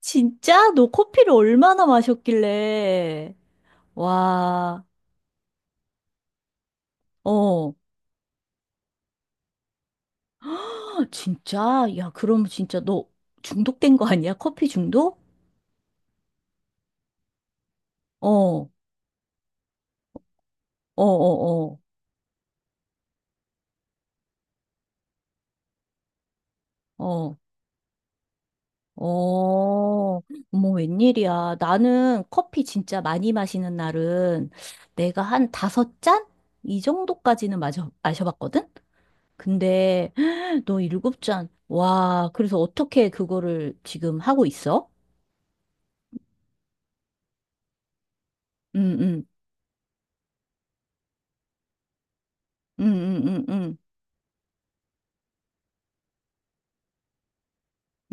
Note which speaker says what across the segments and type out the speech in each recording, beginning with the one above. Speaker 1: 진짜? 너 커피를 얼마나 마셨길래? 와, 어, 헉, 진짜? 야, 그럼 진짜 너 중독된 거 아니야? 커피 중독? 어, 어, 어, 어, 어, 어, 어머, 웬일이야. 나는 커피 진짜 많이 마시는 날은 내가 한 5잔? 이 정도까지는 마셔봤거든? 근데 헉, 너 7잔. 와, 그래서 어떻게 그거를 지금 하고 있어? 응, 응. 음, 음, 음, 음,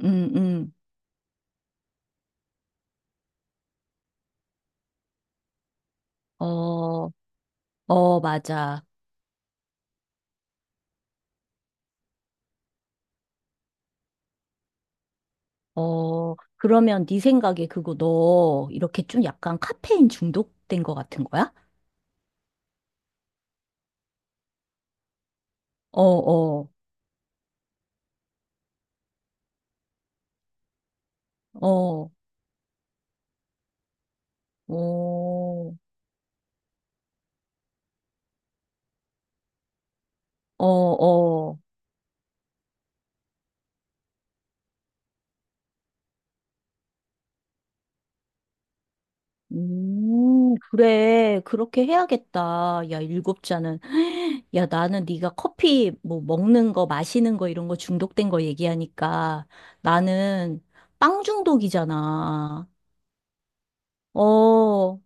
Speaker 1: 음, 음. 어, 어, 맞아. 어, 그러면 네 생각에 그거 너 이렇게 좀 약간 카페인 중독된 거 같은 거야? 어, 어, 어, 어, 어, 어. 그래. 그렇게 해야겠다. 야, 7잔은. 야, 나는 네가 커피 뭐 먹는 거, 마시는 거 이런 거 중독된 거 얘기하니까 나는 빵 중독이잖아. 어,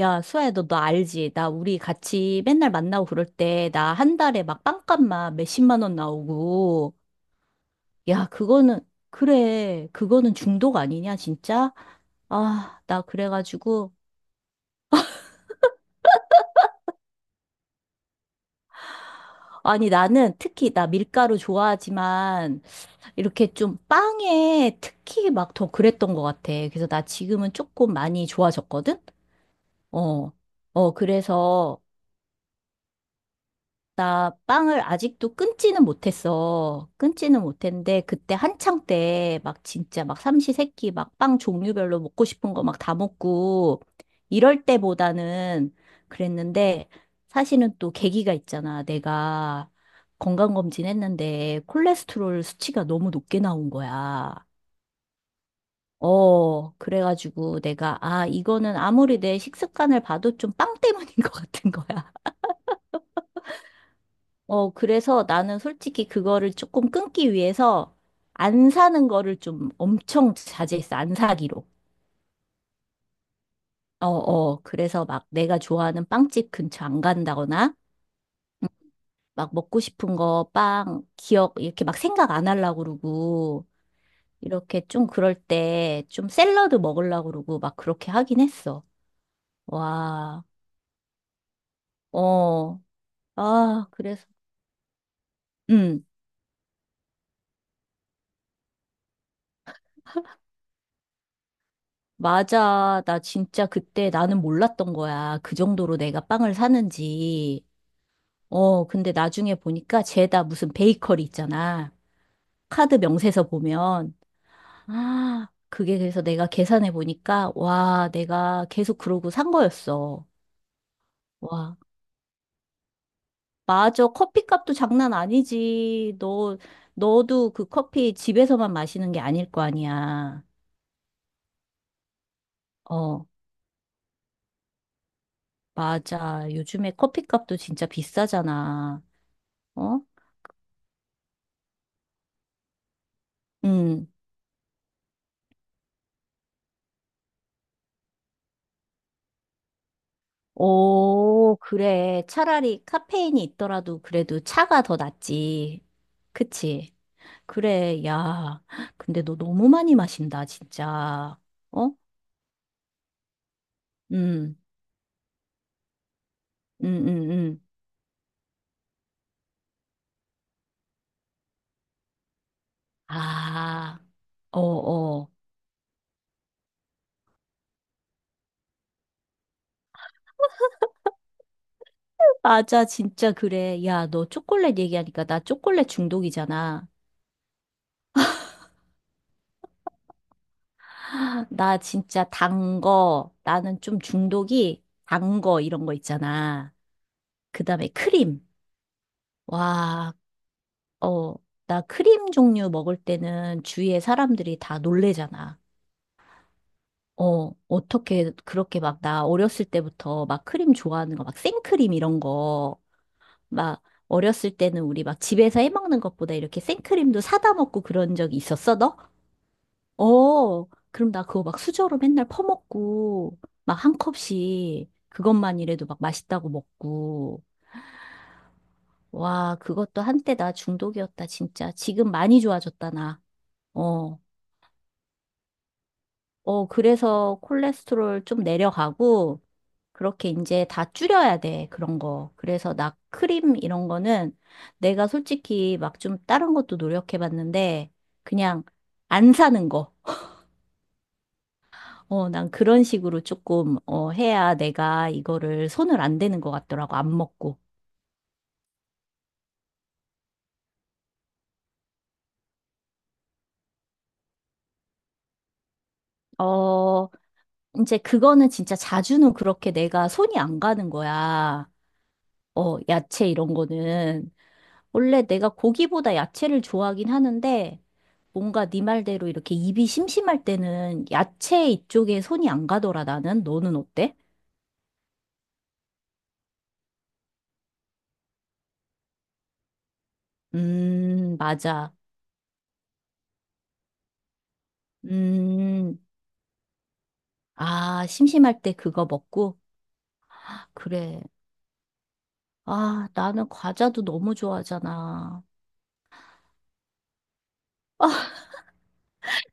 Speaker 1: 야, 수아야, 너 알지? 나 우리 같이 맨날 만나고 그럴 때, 나 한 달에 막 빵값만 몇십만 원 나오고. 야, 그거는, 그래. 그거는 중독 아니냐, 진짜? 아, 나 그래가지고. 아니, 나는 특히, 나 밀가루 좋아하지만, 이렇게 좀 빵에 특히 막 더 그랬던 것 같아. 그래서 나 지금은 조금 많이 좋아졌거든? 어. 어, 그래서. 나 빵을 아직도 끊지는 못했어. 끊지는 못했는데 그때 한창 때 막 진짜 막 삼시세끼 막 빵 종류별로 먹고 싶은 거 막 다 먹고 이럴 때보다는 그랬는데 사실은 또 계기가 있잖아. 내가 건강검진 했는데 콜레스테롤 수치가 너무 높게 나온 거야. 어, 그래가지고 내가 아, 이거는 아무리 내 식습관을 봐도 좀 빵 때문인 것 같은 거야. 어, 그래서 나는 솔직히 그거를 조금 끊기 위해서 안 사는 거를 좀 엄청 자제했어. 안 사기로. 어, 어. 그래서 막 내가 좋아하는 빵집 근처 안 간다거나 막 먹고 싶은 거, 빵, 기억 이렇게 막 생각 안 하려고 그러고 이렇게 좀 그럴 때 좀 샐러드 먹으려고 그러고 막 그렇게 하긴 했어. 와. 어. 아, 그래서 음. 맞아. 나 진짜 그때 나는 몰랐던 거야. 그 정도로 내가 빵을 사는지. 어, 근데 나중에 보니까 쟤다 무슨 베이커리 있잖아. 카드 명세서 보면. 아, 그게 그래서 내가 계산해 보니까, 와, 내가 계속 그러고 산 거였어. 와, 맞아. 커피값도 장난 아니지. 너, 너도 그 커피 집에서만 마시는 게 아닐 거 아니야. 어, 맞아. 요즘에 커피값도 진짜 비싸잖아. 어? 음 오, 그래. 차라리 카페인이 있더라도 그래도 차가 더 낫지. 그치? 그래, 야. 근데 너 너무 많이 마신다, 진짜. 어? 음, 음, 음, 음. 아, 어, 어. 맞아, 진짜 그래. 야, 너 초콜릿 얘기하니까 나 초콜릿 중독이잖아. 나 진짜 단 거, 나는 좀 중독이 단거 이런 거 있잖아. 그 다음에 크림. 와, 어, 나 크림 종류 먹을 때는 주위에 사람들이 다 놀래잖아. 어, 어떻게 그렇게 막 나 어렸을 때부터 막 크림 좋아하는 거, 막 생크림 이런 거, 막 어렸을 때는 우리 막 집에서 해 먹는 것보다 이렇게 생크림도 사다 먹고 그런 적이 있었어, 너? 어, 그럼 나 그거 막 수저로 맨날 퍼먹고, 막 한 컵씩 그것만이라도 막 맛있다고 먹고. 와, 그것도 한때 나 중독이었다, 진짜. 지금 많이 좋아졌다, 나. 어. 어, 그래서 콜레스테롤 좀 내려가고, 그렇게 이제 다 줄여야 돼, 그런 거. 그래서 나 크림 이런 거는 내가 솔직히 막 좀 다른 것도 노력해봤는데, 그냥 안 사는 거. 어, 난 그런 식으로 조금, 어, 해야 내가 이거를 손을 안 대는 것 같더라고, 안 먹고. 어, 이제 그거는 진짜 자주는 그렇게 내가 손이 안 가는 거야. 어, 야채 이런 거는. 원래 내가 고기보다 야채를 좋아하긴 하는데 뭔가 네 말대로 이렇게 입이 심심할 때는 야채 이쪽에 손이 안 가더라, 나는. 너는 어때? 맞아. 음, 아, 심심할 때 그거 먹고? 그래. 아, 나는 과자도 너무 좋아하잖아.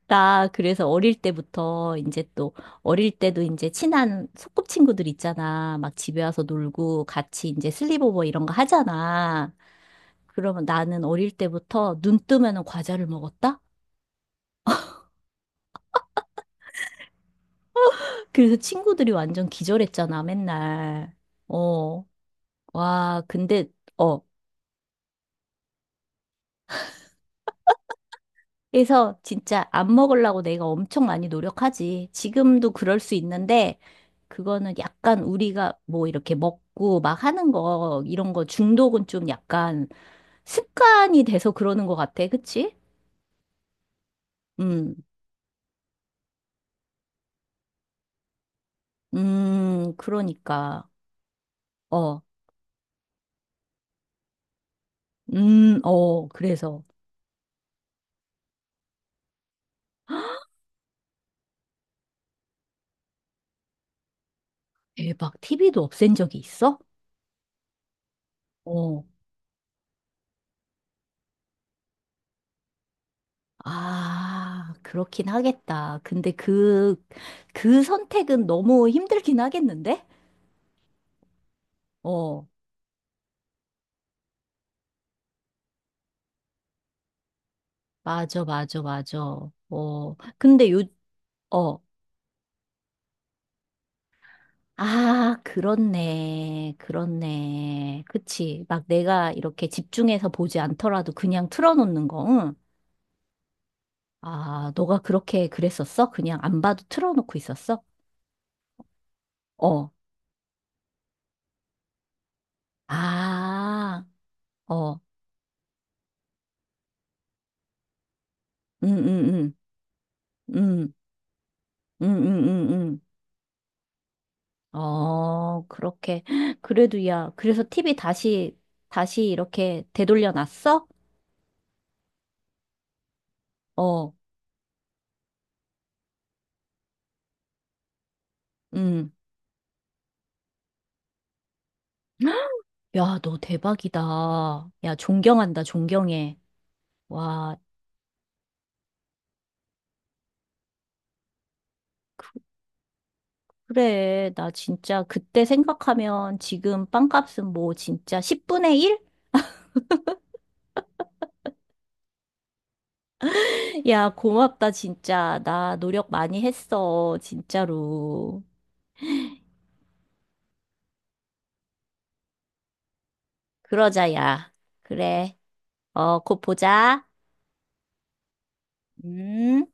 Speaker 1: 나 그래서 어릴 때부터 이제 또 어릴 때도 이제 친한 소꿉친구들 있잖아. 막 집에 와서 놀고 같이 이제 슬립오버 이런 거 하잖아. 그러면 나는 어릴 때부터 눈 뜨면은 과자를 먹었다? 그래서 친구들이 완전 기절했잖아, 맨날. 어, 와, 근데, 어, 그래서 진짜 안 먹으려고 내가 엄청 많이 노력하지. 지금도 그럴 수 있는데, 그거는 약간 우리가 뭐 이렇게 먹고 막 하는 거, 이런 거 중독은 좀 약간 습관이 돼서 그러는 것 같아. 그치? 음, 그러니까. 어, 어, 그래서. 대박. TV도 없앤 적이 있어? 어. 아, 그렇긴 하겠다. 근데 그 선택은 너무 힘들긴 하겠는데? 어. 맞아, 맞아, 맞아. 어, 근데 요, 어, 아, 그렇네. 그렇네. 그치. 막 내가 이렇게 집중해서 보지 않더라도 그냥 틀어놓는 거, 응? 아, 너가 그렇게 그랬었어? 그냥 안 봐도 틀어놓고 있었어? 어, 아, 어, 응, 응, 응, 응, 응, 응, 응, 응. 어, 그렇게. 그래도 야, 그래서 다시 이렇게 되돌려 놨어? 어, 응. 야, 너 대박이다. 야, 존경한다, 존경해. 와, 그래. 나 진짜 그때 생각하면 지금 빵값은 뭐 진짜 10분의 1? 야, 고맙다, 진짜. 나 노력 많이 했어, 진짜로. 그러자, 야. 그래. 어, 곧 보자. 음.